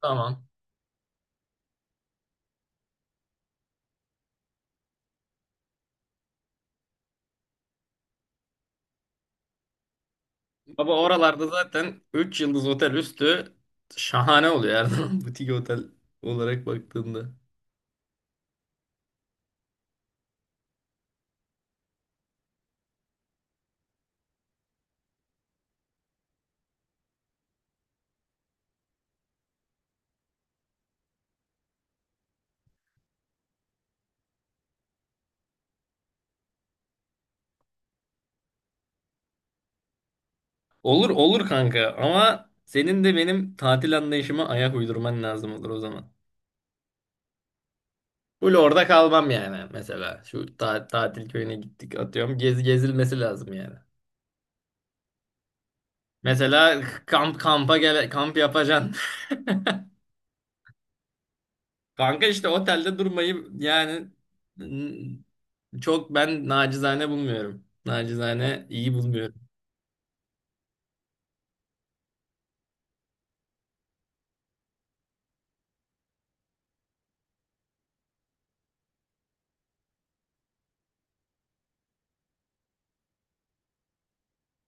Tamam. Baba oralarda zaten 3 yıldız otel üstü şahane oluyor her zaman butik otel olarak baktığında. Olur olur kanka ama senin de benim tatil anlayışıma ayak uydurman lazım olur o zaman. Full orada kalmam yani mesela. Tatil köyüne gittik atıyorum. Gezilmesi lazım yani. Mesela kamp kampa gele kamp yapacaksın. Kanka işte otelde durmayı n- çok ben nacizane bulmuyorum. Nacizane iyi bulmuyorum.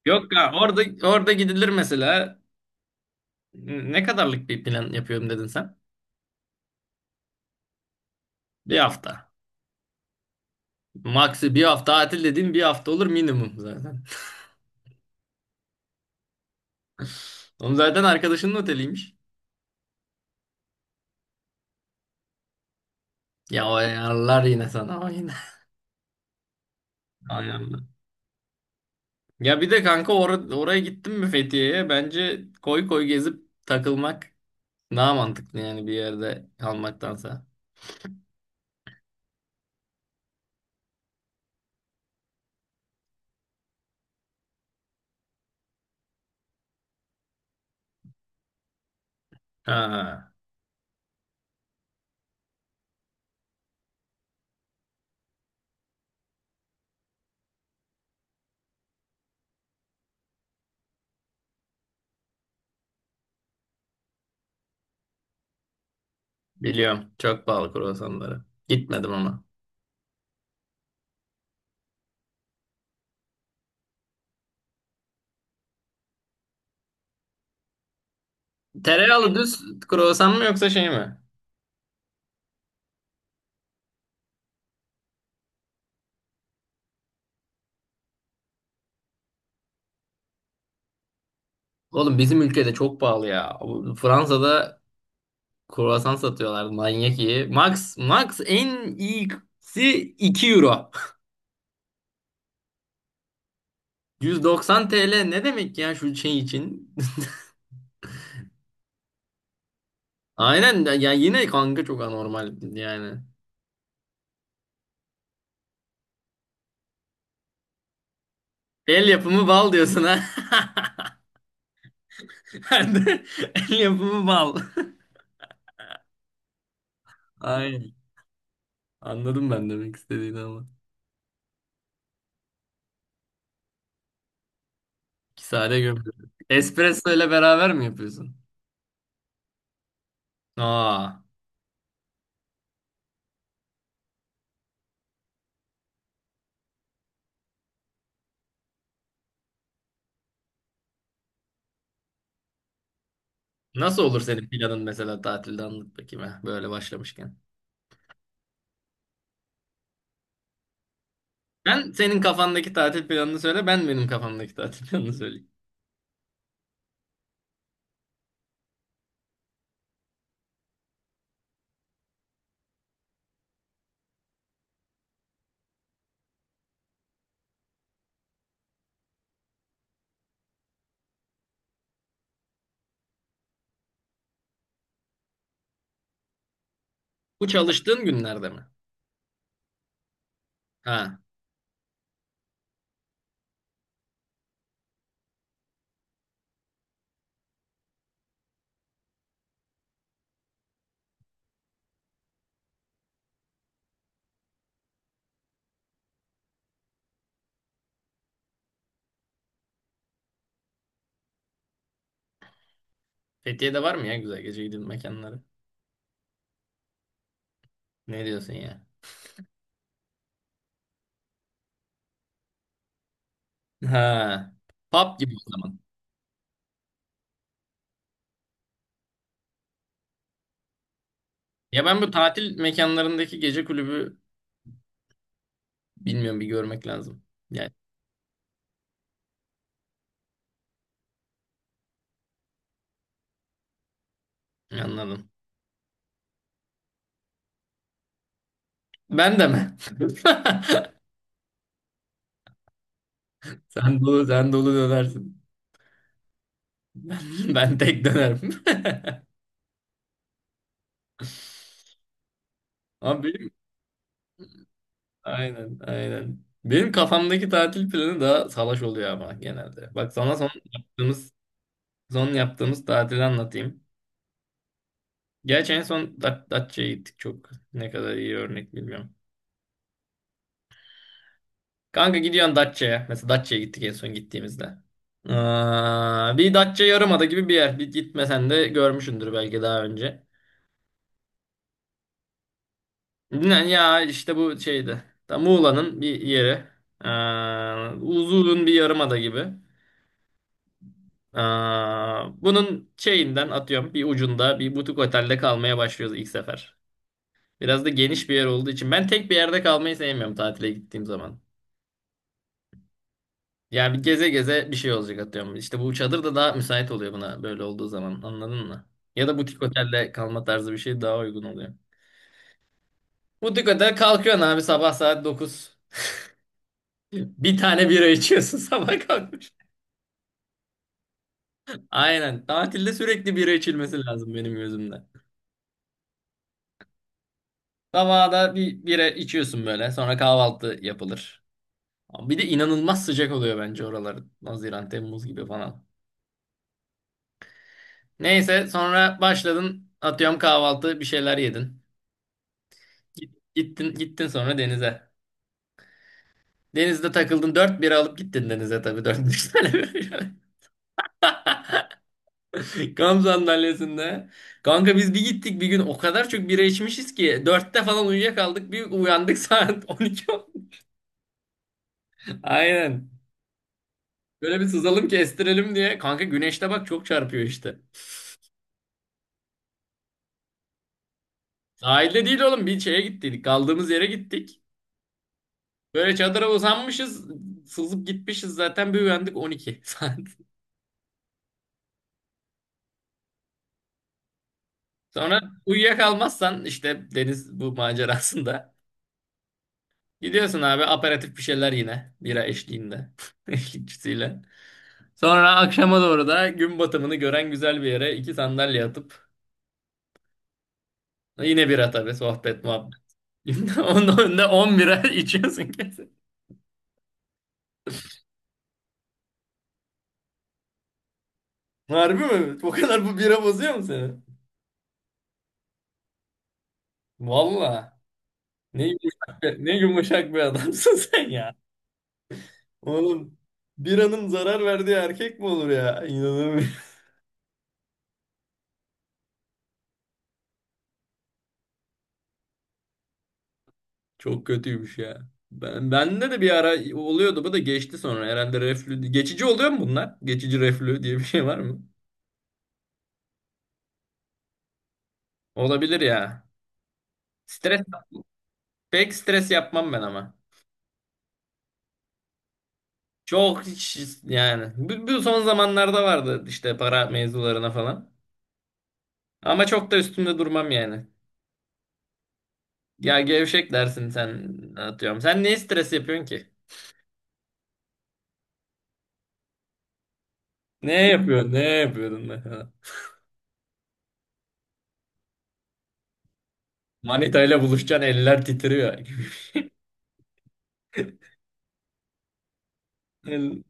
Yok ya orada gidilir mesela. Ne kadarlık bir plan yapıyorum dedin sen? Bir hafta. Maksi bir hafta tatil dediğin bir hafta olur minimum zaten. Oğlum zaten arkadaşının oteliymiş. Ya o ayarlar yine sana o yine. Ayarlar. Ya bir de oraya gittin mi Fethiye'ye? Bence koy koy gezip takılmak daha mantıklı yani bir yerde kalmaktansa. Ha, Biliyorum. Çok pahalı kruvasanları. Gitmedim ama. Tereyağlı düz kruvasan mı yoksa şey mi? Oğlum bizim ülkede çok pahalı ya. Fransa'da kruvasan satıyorlar manyak iyi. Max en iyisi 2 euro. 190 TL ne demek ya şu şey için? Aynen ya yine kanka çok anormal yani. El yapımı bal diyorsun ha. El yapımı bal. Aynen. Anladım ben demek istediğini ama. Kisare gömdü. Espresso ile beraber mi yapıyorsun? Aa. Nasıl olur senin planın mesela tatilde anlat bakayım ha, böyle başlamışken. Ben senin kafandaki tatil planını söyle, ben benim kafamdaki tatil planını söyleyeyim. Bu çalıştığın günlerde mi? Ha, Fethiye'de var mı ya güzel gece gidin mekanları? Ne diyorsun ya? Ha, pub gibi o zaman. Ya ben bu tatil mekanlarındaki gece kulübü bilmiyorum bir görmek lazım. Yani anladım. Ben de mi? Sen dolu dönersin. Ben, Ben tek dönerim. Abi aynen, aynen. Benim kafamdaki tatil planı daha salaş oluyor ama genelde. Bak sana yaptığımız son yaptığımız tatili anlatayım. Gerçi en son Datça'ya gittik çok. Ne kadar iyi örnek bilmiyorum. Kanka gidiyorsun Datça'ya. Mesela Datça'ya gittik en son gittiğimizde. Bir Datça Yarımada gibi bir yer. Bir gitmesen de görmüşsündür belki daha önce. Yani ya işte bu şeydi. Ta Muğla'nın bir yeri. Uzun bir yarımada gibi. Bunun şeyinden atıyorum bir ucunda bir butik otelde kalmaya başlıyoruz ilk sefer. Biraz da geniş bir yer olduğu için ben tek bir yerde kalmayı sevmiyorum tatile gittiğim zaman. Yani bir geze bir şey olacak atıyorum. İşte bu çadır da daha müsait oluyor buna böyle olduğu zaman anladın mı? Ya da butik otelde kalma tarzı bir şey daha uygun oluyor. Butik otel kalkıyorsun abi sabah saat dokuz. Bir tane bira içiyorsun sabah kalkmış. Aynen tatilde sürekli bira içilmesi lazım benim gözümde. Sabahda bir bira içiyorsun böyle. Sonra kahvaltı yapılır. Bir de inanılmaz sıcak oluyor bence oralar. Haziran, Temmuz gibi falan. Neyse sonra başladın. Atıyorum kahvaltı bir şeyler yedin. Gittin sonra denize. Denizde takıldın. Dört bira alıp gittin denize tabii. Dört beş tane böyle. Kamp sandalyesinde. Kanka biz bir gittik bir gün o kadar çok bira içmişiz ki. Dörtte falan uyuyakaldık. Bir uyandık, saat 12 oldu. Aynen. Böyle bir sızalım kestirelim diye. Kanka güneşte bak çok çarpıyor işte. Sahilde değil oğlum bir şeye gittik. Kaldığımız yere gittik. Böyle çadıra uzanmışız. Sızıp gitmişiz zaten bir uyandık 12 saat. Sonra uyuyakalmazsan işte deniz bu macerasında. Gidiyorsun abi aperatif bir şeyler yine. Bira eşliğinde. Eşlikçisiyle. Sonra akşama doğru da gün batımını gören güzel bir yere iki sandalye atıp yine bira tabii, sohbet muhabbet. Onun önünde 10 bira içiyorsun kesin. Harbi mi? O kadar bu bira bozuyor mu seni? Valla. Ne yumuşak bir adamsın sen ya. Oğlum bir hanım zarar verdiği erkek mi olur ya? İnanamıyorum. Çok kötüymüş ya. Bende de bir ara oluyordu bu da geçti sonra. Herhalde reflü. Geçici oluyor mu bunlar? Geçici reflü diye bir şey var mı? Olabilir ya. Stres, Pek stres yapmam ben ama. Çok hiç- yani. Bu son zamanlarda vardı işte para mevzularına falan. Ama çok da üstünde durmam yani. Ya gevşek dersin sen atıyorum. Sen ne stres yapıyorsun ki? Ne yapıyorsun? Ne yapıyordun mesela? Manita ile buluşacaksın eller titriyor. El-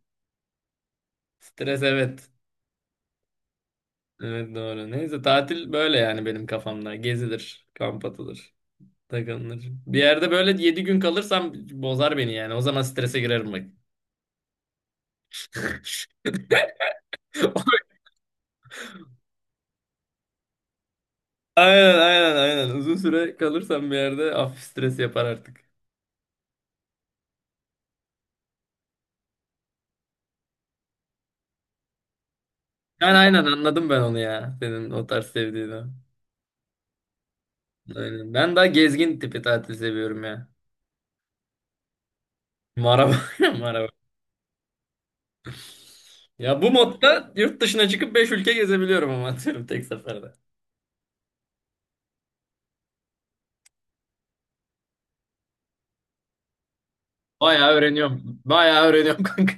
Stres evet. Evet doğru. Neyse tatil böyle yani benim kafamda. Gezilir, kamp atılır, takılır. Bir yerde böyle 7 gün kalırsam bozar beni yani. O zaman strese girerim bak. Aynen. Uzun süre kalırsam bir yerde hafif stres yapar artık. Yani aynen anladım ben onu ya. Senin o tarz sevdiğini. Aynen. Ben daha gezgin tipi tatil seviyorum ya. Maraba. Maraba. Ya bu modda yurt dışına çıkıp 5 ülke gezebiliyorum ama atıyorum tek seferde. Bayağı öğreniyorum kanka.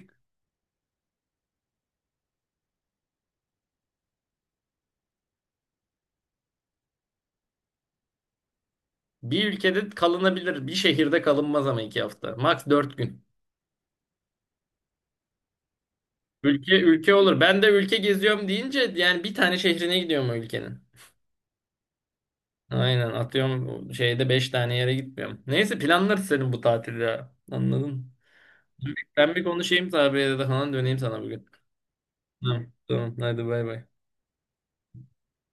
Bir ülkede kalınabilir. Bir şehirde kalınmaz ama iki hafta. Max dört gün. Ülke ülke olur. Ben de ülke geziyorum deyince yani bir tane şehrine gidiyorum o ülkenin. Aynen atıyorum şeyde beş tane yere gitmiyorum. Neyse planlarız senin bu tatilde ya. Anladın? Ben bir konuşayım tabiyle de falan döneyim sana bugün. Tamam. Tamam. Hadi bay bay.